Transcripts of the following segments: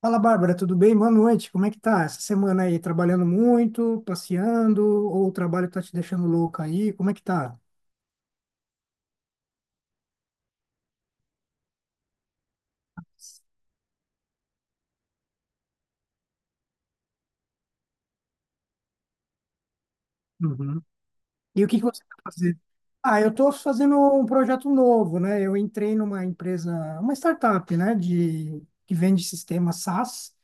Fala, Bárbara, tudo bem? Boa noite. Como é que tá essa semana aí? Trabalhando muito, passeando, ou o trabalho tá te deixando louca aí? Como é que tá? Uhum. E o que que você tá fazendo? Ah, eu tô fazendo um projeto novo, né? Eu entrei numa empresa, uma startup, né, de que vende sistema SaaS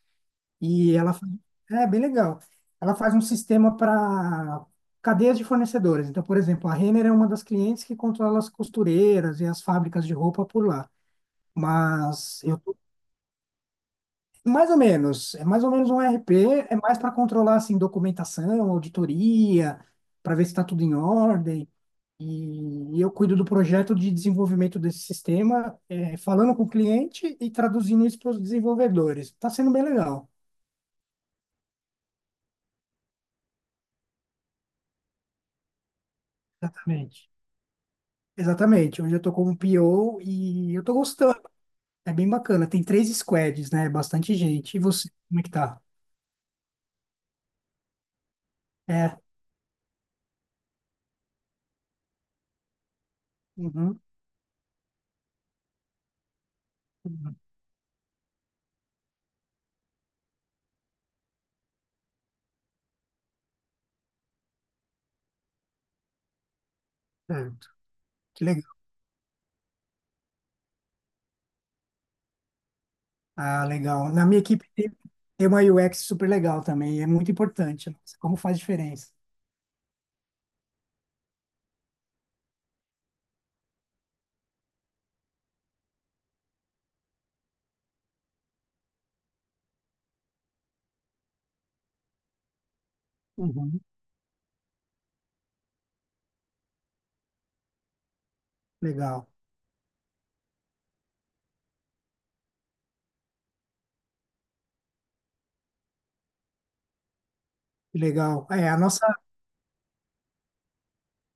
e é bem legal. Ela faz um sistema para cadeias de fornecedores. Então, por exemplo, a Renner é uma das clientes que controla as costureiras e as fábricas de roupa por lá. Mas eu. Mais ou menos, é mais ou menos um E R P, é mais para controlar assim documentação, auditoria, para ver se está tudo em ordem. E eu cuido do projeto de desenvolvimento desse sistema, é, falando com o cliente e traduzindo isso para os desenvolvedores. Está sendo bem legal. Exatamente. Exatamente, hoje eu tô como P O e eu tô gostando. É bem bacana. Tem três squads, né? Bastante gente. E você, como é que tá? É. Uhum. Uhum. Certo. Que legal. Ah, legal. Na minha equipe tem, tem uma UX super legal também, é muito importante. Nossa, como faz diferença. Uhum. Legal, legal. É, a nossa,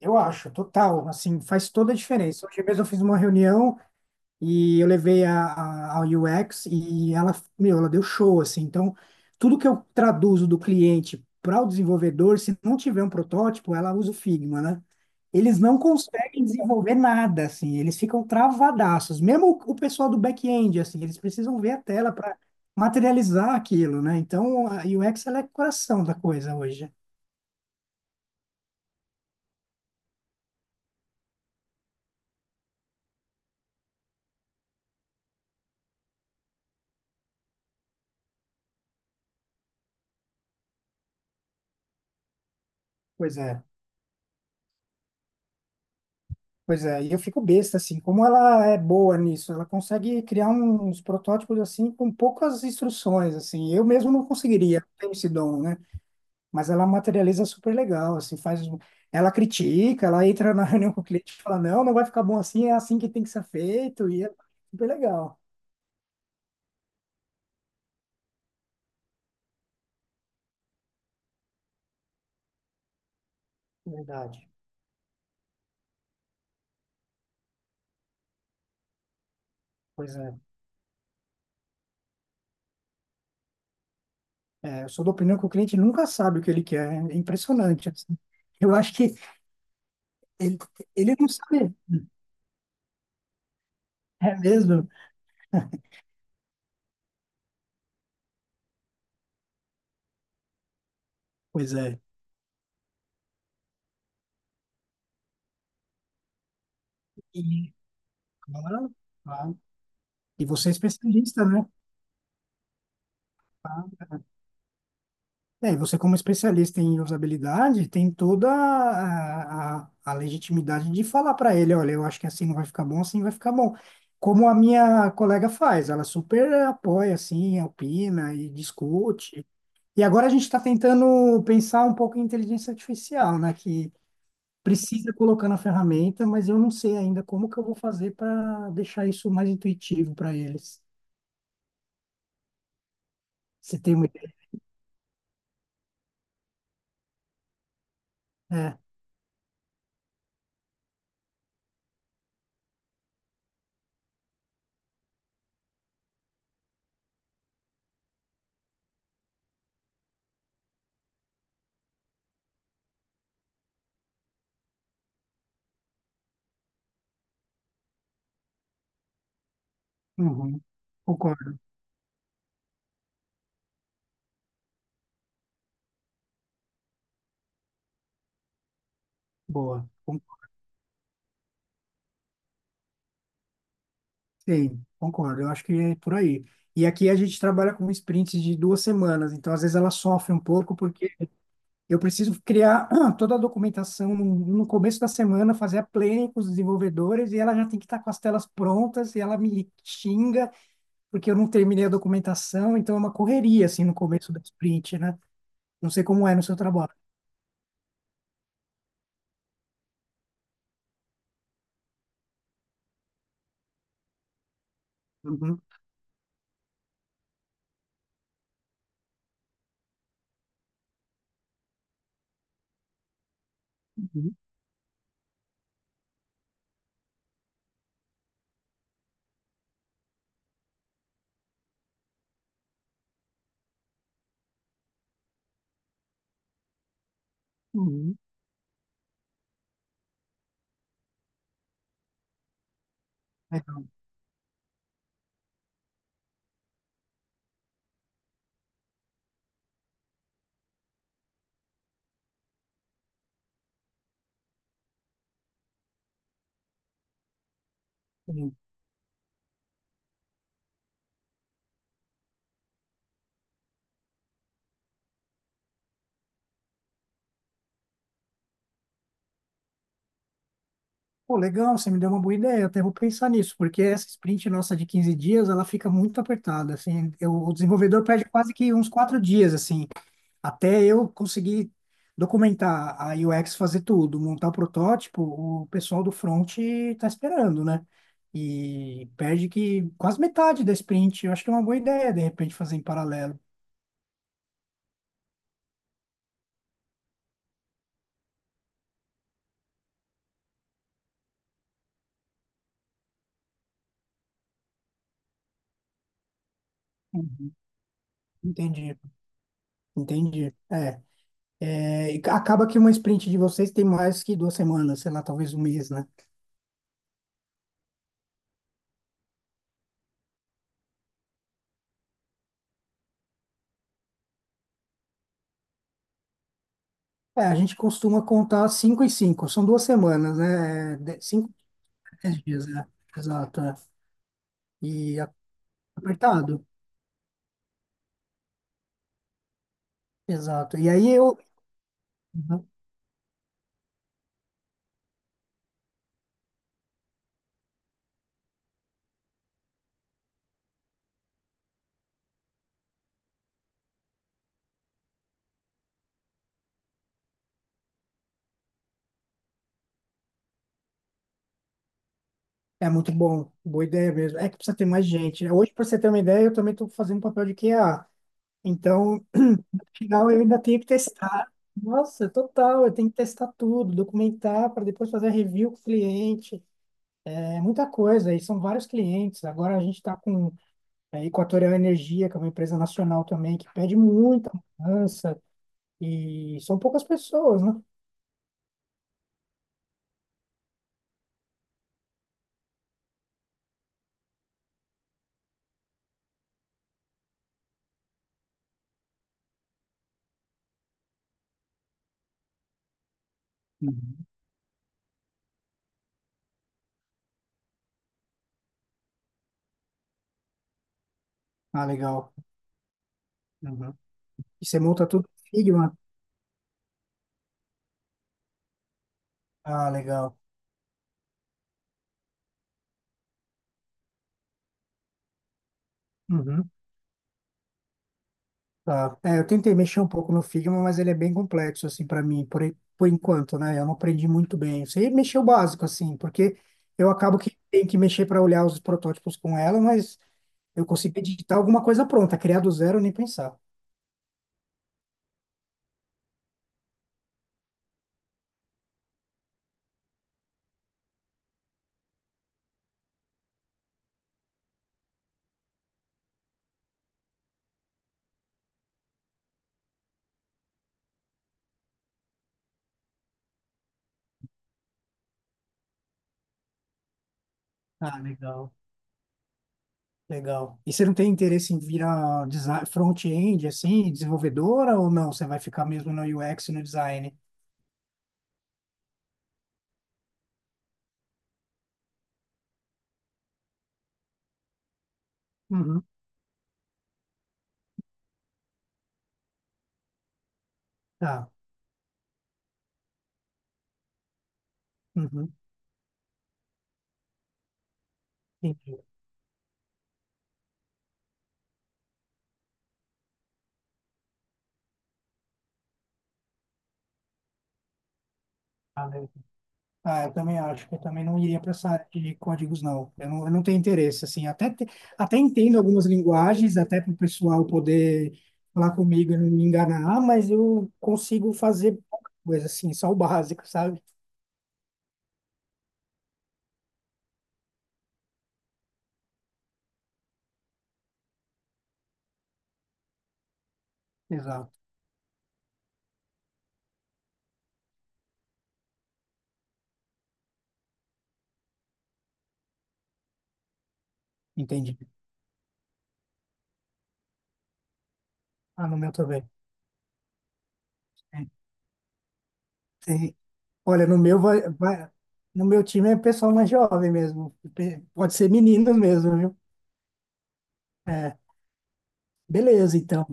eu acho, total, assim, faz toda a diferença. Hoje mesmo eu fiz uma reunião. E eu levei ao UX e ela, meu, ela deu show, assim. Então, tudo que eu traduzo do cliente para o desenvolvedor, se não tiver um protótipo, ela usa o Figma, né? Eles não conseguem desenvolver nada, assim. Eles ficam travadaços. Mesmo o pessoal do back-end, assim, eles precisam ver a tela para materializar aquilo, né? Então, a UX, ela é coração da coisa hoje. Pois é. Pois é, e eu fico besta, assim, como ela é boa nisso, ela consegue criar uns protótipos, assim, com poucas instruções, assim, eu mesmo não conseguiria, não tenho esse dom, né? Mas ela materializa super legal, assim, faz, ela critica, ela entra na reunião com o cliente e fala, não, não vai ficar bom assim, é assim que tem que ser feito, e é super legal, verdade. Pois é, é, eu sou da opinião que o cliente nunca sabe o que ele quer, é impressionante, assim. Eu acho que ele, ele não sabe, é mesmo? Pois é. Claro, claro. E você é especialista, né? Claro. É, e você como especialista em usabilidade, tem toda a legitimidade de falar para ele, olha, eu acho que assim não vai ficar bom, assim vai ficar bom. Como a minha colega faz, ela super apoia, assim, opina e discute. E agora a gente está tentando pensar um pouco em inteligência artificial, né? Que precisa colocar na ferramenta, mas eu não sei ainda como que eu vou fazer para deixar isso mais intuitivo para eles. Você tem uma ideia? É. Uhum. Concordo, boa. Sim, concordo, eu acho que é por aí. E aqui a gente trabalha com sprints de duas semanas, então às vezes ela sofre um pouco, porque eu preciso criar toda a documentação no começo da semana, fazer a planning com os desenvolvedores, e ela já tem que estar com as telas prontas, e ela me xinga porque eu não terminei a documentação, então é uma correria, assim, no começo da sprint, né? Não sei como é no seu trabalho. Uhum, uhum, uhum. Legal. Pô, legal, você me deu uma boa ideia, até vou pensar nisso, porque essa sprint nossa de 15 dias, ela fica muito apertada, assim, o desenvolvedor perde quase que uns 4 dias, assim, até eu conseguir documentar a UX, fazer tudo, montar o protótipo, o pessoal do front tá esperando, né? E perde que quase metade da sprint, eu acho que é uma boa ideia, de repente, fazer em paralelo. Uhum. Entendi, entendi, é. É, e acaba que uma sprint de vocês tem mais que duas semanas, sei lá, talvez um mês, né? É, a gente costuma contar cinco e cinco, são duas semanas, né? É, Cinco, 10 dias, né? Exato, é. E a- apertado, exato. E aí eu. Uhum. É muito bom, boa ideia mesmo. É que precisa ter mais gente, né? Hoje, para você ter uma ideia, eu também estou fazendo um papel de QA. Então, no final, eu ainda tenho que testar. Nossa, total, eu tenho que testar tudo, documentar para depois fazer a review com o cliente. É muita coisa, e são vários clientes. Agora a gente está com. É, Equatorial Energia, que é uma empresa nacional também, que pede muita mudança e são poucas pessoas, né? Uhum. Ah, legal. Uhum. E você monta tudo em Figma? Ah, legal. Uhum. Tá. É, eu tentei mexer um pouco no Figma, mas ele é bem complexo, assim, para mim, por, por enquanto, né? Eu não aprendi muito bem. Eu sei mexer o básico, assim, porque eu acabo que tenho que mexer para olhar os protótipos com ela, mas eu consigo editar alguma coisa pronta, criar do zero, nem pensar. Ah, legal. Legal. E você não tem interesse em virar front-end, assim, desenvolvedora ou não? Você vai ficar mesmo no UX e no design? Uhum. Tá. Uhum, entendi. Ah, eu ah, eu também acho que eu também não iria para essa área de códigos, não. Eu não tenho interesse, assim. Até, até entendo algumas linguagens, até para o pessoal poder falar comigo e não me enganar, mas eu consigo fazer pouca coisa, assim, só o básico, sabe? Exato, entendi. Ah, no meu também. É, tem-. Olha, no meu vai, no meu time é pessoal mais jovem mesmo. Pode ser meninos mesmo, viu? É, beleza, então.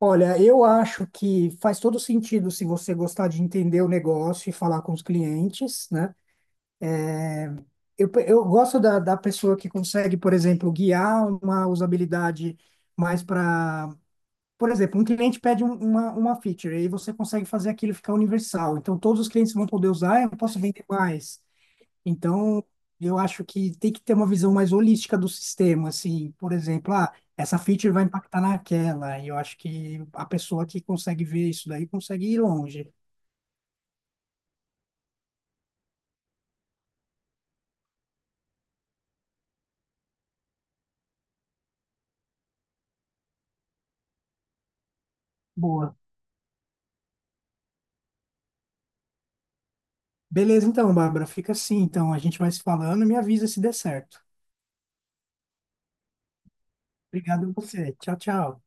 Olha, eu acho que faz todo sentido se você gostar de entender o negócio e falar com os clientes, né? Eu gosto da pessoa que consegue, por exemplo, guiar uma usabilidade mais para. Por exemplo, um cliente pede uma feature e você consegue fazer aquilo ficar universal. Então, todos os clientes vão poder usar, eu posso vender mais. Então, eu acho que tem que ter uma visão mais holística do sistema, assim, por exemplo, ah, essa feature vai impactar naquela, e eu acho que a pessoa que consegue ver isso daí consegue ir longe. Boa. Beleza, então, Bárbara, fica assim, então, a gente vai se falando e me avisa se der certo. Obrigado a você. Tchau, tchau.